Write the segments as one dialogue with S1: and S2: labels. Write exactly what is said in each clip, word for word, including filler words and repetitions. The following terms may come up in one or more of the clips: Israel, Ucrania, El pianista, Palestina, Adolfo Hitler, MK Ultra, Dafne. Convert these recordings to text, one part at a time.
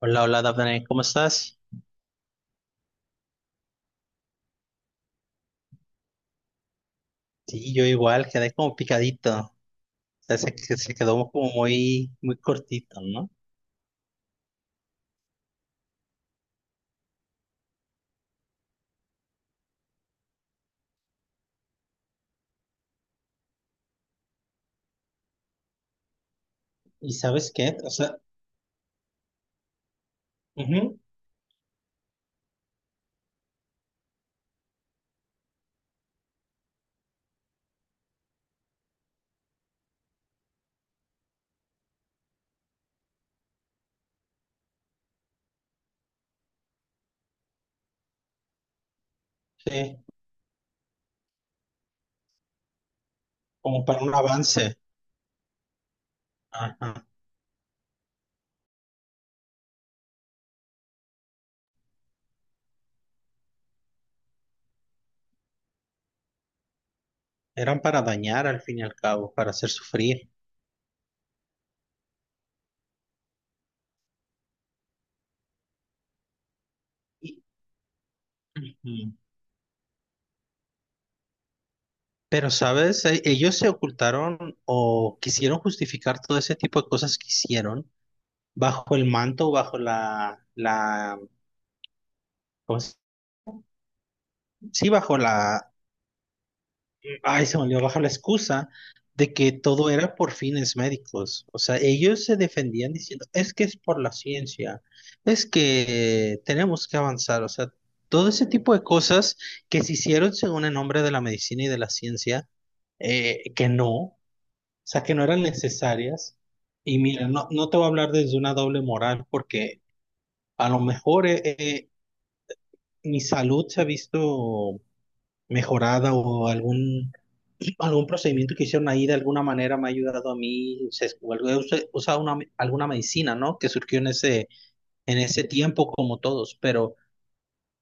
S1: Hola, hola, Dafne, ¿cómo estás? Sí, yo igual, quedé como picadito. O sea, se, que- se quedó como muy, muy cortito, ¿no? ¿Y sabes qué? O sea, ujú, sí, como para un avance. Ajá. Eran para dañar al fin y al cabo, para hacer sufrir. Y- ujú. Pero, ¿sabes? E- Ellos se ocultaron o quisieron justificar todo ese tipo de cosas que hicieron bajo el manto, bajo la, la, ¿cómo se- Sí, bajo la. Ay, se me olvidó bajar la excusa de que todo era por fines médicos. O sea, ellos se defendían diciendo, es que es por la ciencia, es que tenemos que avanzar. O sea, todo ese tipo de cosas que se hicieron según el nombre de la medicina y de la ciencia, eh, que no, o sea, que no eran necesarias. Y mira, no, no te voy a hablar desde una doble moral porque a lo mejor eh, eh, mi salud se ha visto mejorada o algún algún procedimiento que hicieron ahí de alguna manera me ha ayudado a mí, se- o algo- he us- usado una, alguna medicina, ¿no? Que surgió en ese, en ese tiempo como todos, pero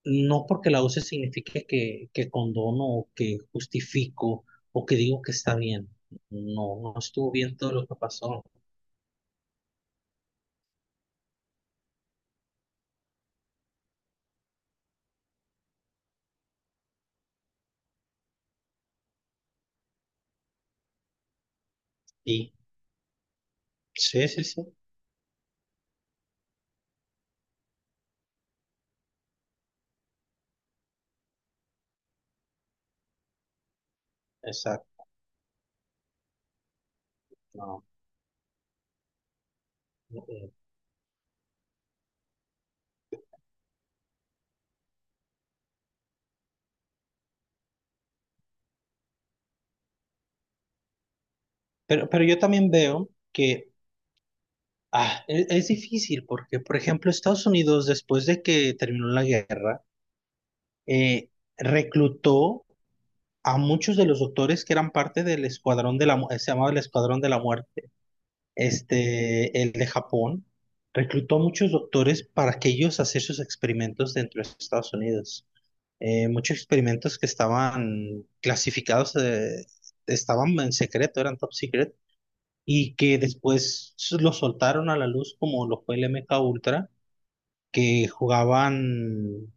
S1: no porque la use signifique que, que condono o que justifico o que digo que está bien. No, no estuvo bien todo lo que pasó. Y sí, sí, sí, exacto. No, no, eh. Pero, pero yo también veo que ah, es es difícil porque, por ejemplo, Estados Unidos, después de que terminó la guerra, eh, reclutó a muchos de los doctores que eran parte del escuadrón de la, mu- se llamaba el escuadrón de la muerte, este, el de Japón, reclutó a muchos doctores para que ellos hacer sus experimentos dentro de Estados Unidos. Eh, muchos experimentos que estaban clasificados, eh, estaban en secreto, eran top secret, y que después los soltaron a la luz como lo fue el M K Ultra, que jugaban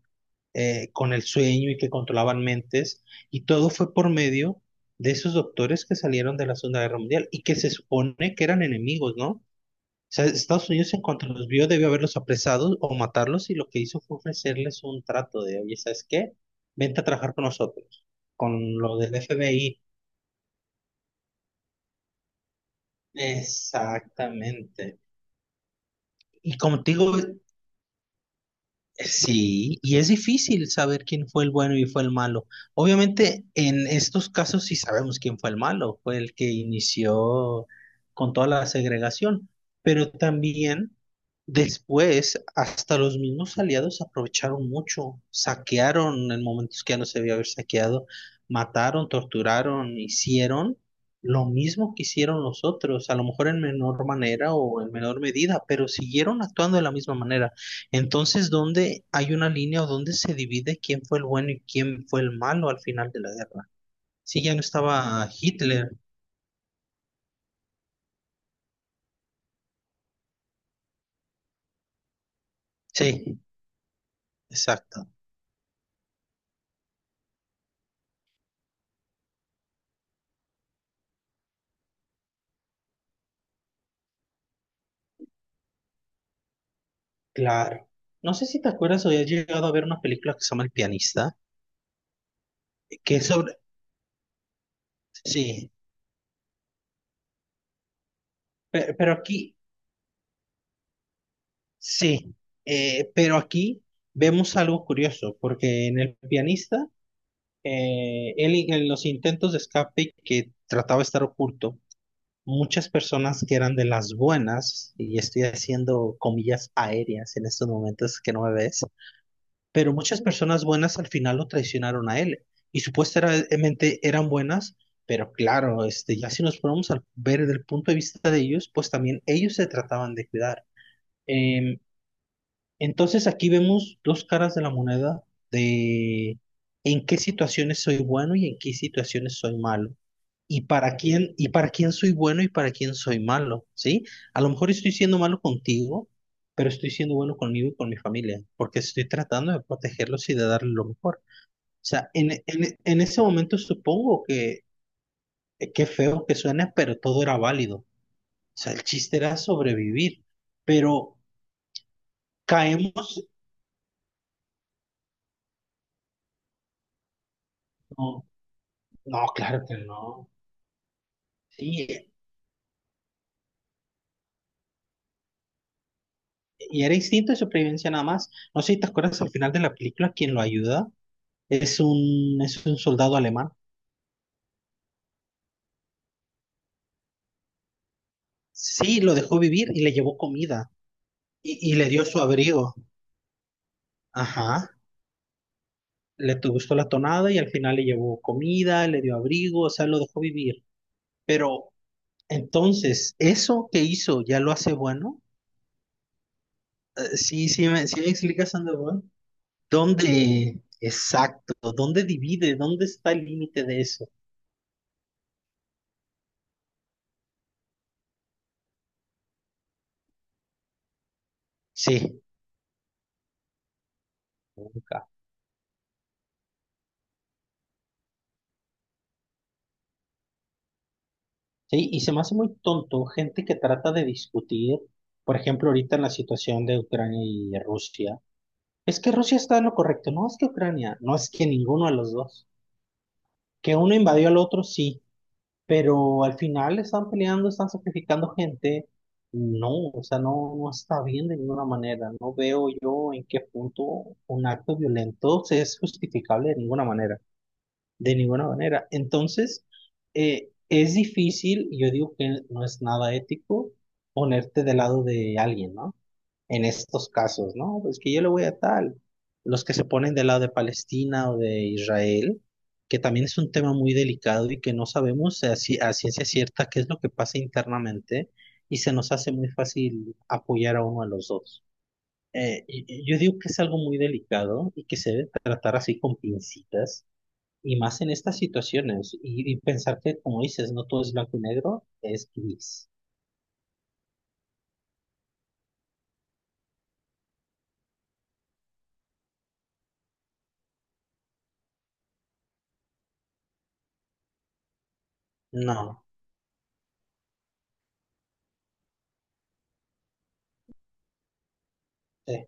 S1: eh, con el sueño y que controlaban mentes, y todo fue por medio de esos doctores que salieron de la Segunda Guerra Mundial y que se supone que eran enemigos, ¿no? O sea, Estados Unidos en cuanto los vio debió haberlos apresado o matarlos y lo que hizo fue ofrecerles un trato de, oye, ¿sabes qué? Vente a trabajar con nosotros, con lo del F B I. Exactamente. Y como te digo, sí, y es difícil saber quién fue el bueno y fue el malo. Obviamente, en estos casos sí sabemos quién fue el malo, fue el que inició con toda la segregación, pero también después hasta los mismos aliados aprovecharon mucho, saquearon en momentos que ya no se debía haber saqueado, mataron, torturaron, hicieron lo mismo que hicieron los otros, a lo mejor en menor manera o en menor medida, pero siguieron actuando de la misma manera. Entonces, ¿dónde hay una línea o dónde se divide quién fue el bueno y quién fue el malo al final de la guerra? Sí, ya no estaba Hitler. Sí, exacto. Claro. No sé si te acuerdas o has llegado a ver una película que se llama El pianista, que es sobre... Sí, pe- pero, aquí, sí, eh, pero aquí vemos algo curioso, porque en El pianista, eh, él en los intentos de escape que trataba de estar oculto, muchas personas que eran de las buenas, y estoy haciendo comillas aéreas en estos momentos que no me ves, pero muchas personas buenas al final lo traicionaron a él. Y supuestamente eran buenas, pero claro, este, ya si nos ponemos a ver desde el punto de vista de ellos, pues también ellos se trataban de cuidar. Eh, entonces aquí vemos dos caras de la moneda de en qué situaciones soy bueno y en qué situaciones soy malo. Y para quién, y para quién soy bueno y para quién soy malo, ¿sí? A lo mejor estoy siendo malo contigo, pero estoy siendo bueno conmigo y con mi familia, porque estoy tratando de protegerlos y de darles lo mejor. O sea, en, en, en ese momento supongo que, eh, qué feo que suena, pero todo era válido. O sea, el chiste era sobrevivir, pero caemos, no, no, claro que no. Sí, y era instinto de supervivencia nada más. No sé si te acuerdas al final de la película, quien lo ayuda es un, es un soldado alemán. Sí, lo dejó vivir y le llevó comida y, y le dio su abrigo. Ajá, le tu- gustó la tonada y al final le llevó comida, le dio abrigo, o sea, lo dejó vivir. Pero entonces, ¿eso que hizo ya lo hace bueno? Eh, sí, sí, me, sí me explicas, Sandoval. ¿Dónde, exacto, dónde divide, dónde está el límite de eso? Sí. Sí, y se me hace muy tonto gente que trata de discutir, por ejemplo, ahorita en la situación de Ucrania y Rusia. Es que Rusia está en lo correcto, no es que Ucrania, no es que ninguno de los dos. Que uno invadió al otro, sí, pero al final están peleando, están sacrificando gente. No, o sea, no, no está bien de ninguna manera. No veo yo en qué punto un acto violento se es justificable de ninguna manera de ninguna manera. Entonces, eh, es difícil, yo digo que no es nada ético ponerte del lado de alguien, ¿no? En estos casos, ¿no? Pues que yo le voy a tal. Los que se ponen del lado de Palestina o de Israel, que también es un tema muy delicado y que no sabemos si a, ci- a ciencia cierta qué es lo que pasa internamente y se nos hace muy fácil apoyar a uno a los dos. Eh, y- y yo digo que es algo muy delicado y que se debe tratar así con pincitas y más en estas situaciones, y, y pensar que, como dices, no todo es blanco y negro, es gris. No, sí,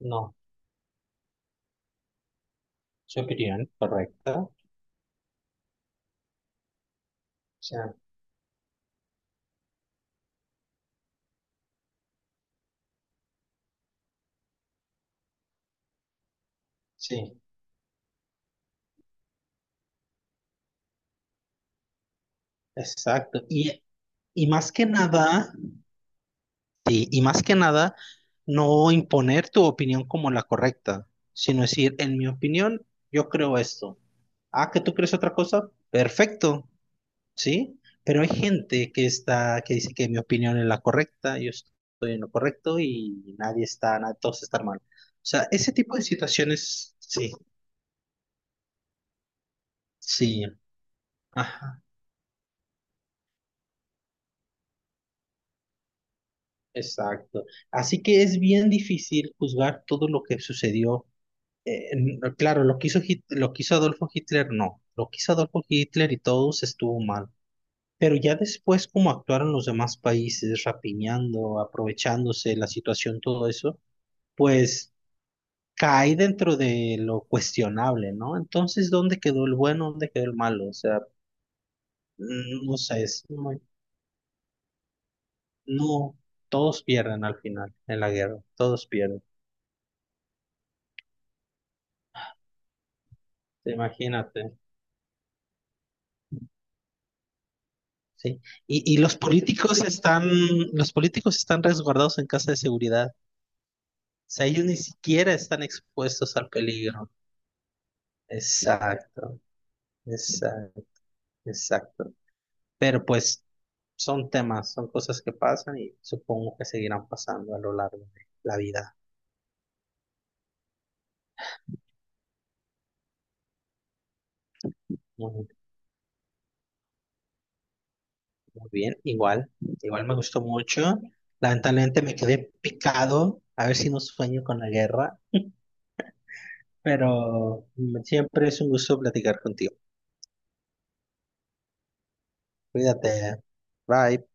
S1: no, su opinión, correcta. O sea, sí, exacto. Y, y más que nada, sí, y más que nada, no imponer tu opinión como la correcta, sino decir, en mi opinión, yo creo esto. Ah, que tú crees otra cosa, perfecto. ¿Sí? Pero hay gente que está, que dice que mi opinión es la correcta, yo estoy en lo correcto y nadie está, na- todos están mal. O sea, ese tipo de situaciones, sí, sí, ajá, exacto. Así que es bien difícil juzgar todo lo que sucedió. Eh, en- claro, lo que hizo Hit- lo que hizo Adolfo Hitler, no. Lo que hizo Adolfo Hitler y todos estuvo mal. Pero ya después, como actuaron los demás países, rapiñando, aprovechándose la situación, todo eso, pues cae dentro de lo cuestionable, ¿no? Entonces, ¿dónde quedó el bueno? ¿Dónde quedó el malo? O sea, mm, no sé, es muy- no, todos pierden al final en la guerra, todos pierden, imagínate, ¿sí? Y, y los políticos están, los políticos están resguardados en casa de seguridad, o sea, ellos ni siquiera están expuestos al peligro. Exacto, exacto, exacto. Pero pues son temas, son cosas que pasan y supongo que seguirán pasando a lo largo de la vida. ¿No? Muy bien, igual, igual me gustó mucho. Lamentablemente me quedé picado, a ver si no sueño con la guerra, pero mm, siempre es un gusto platicar contigo. Cuídate. Bye.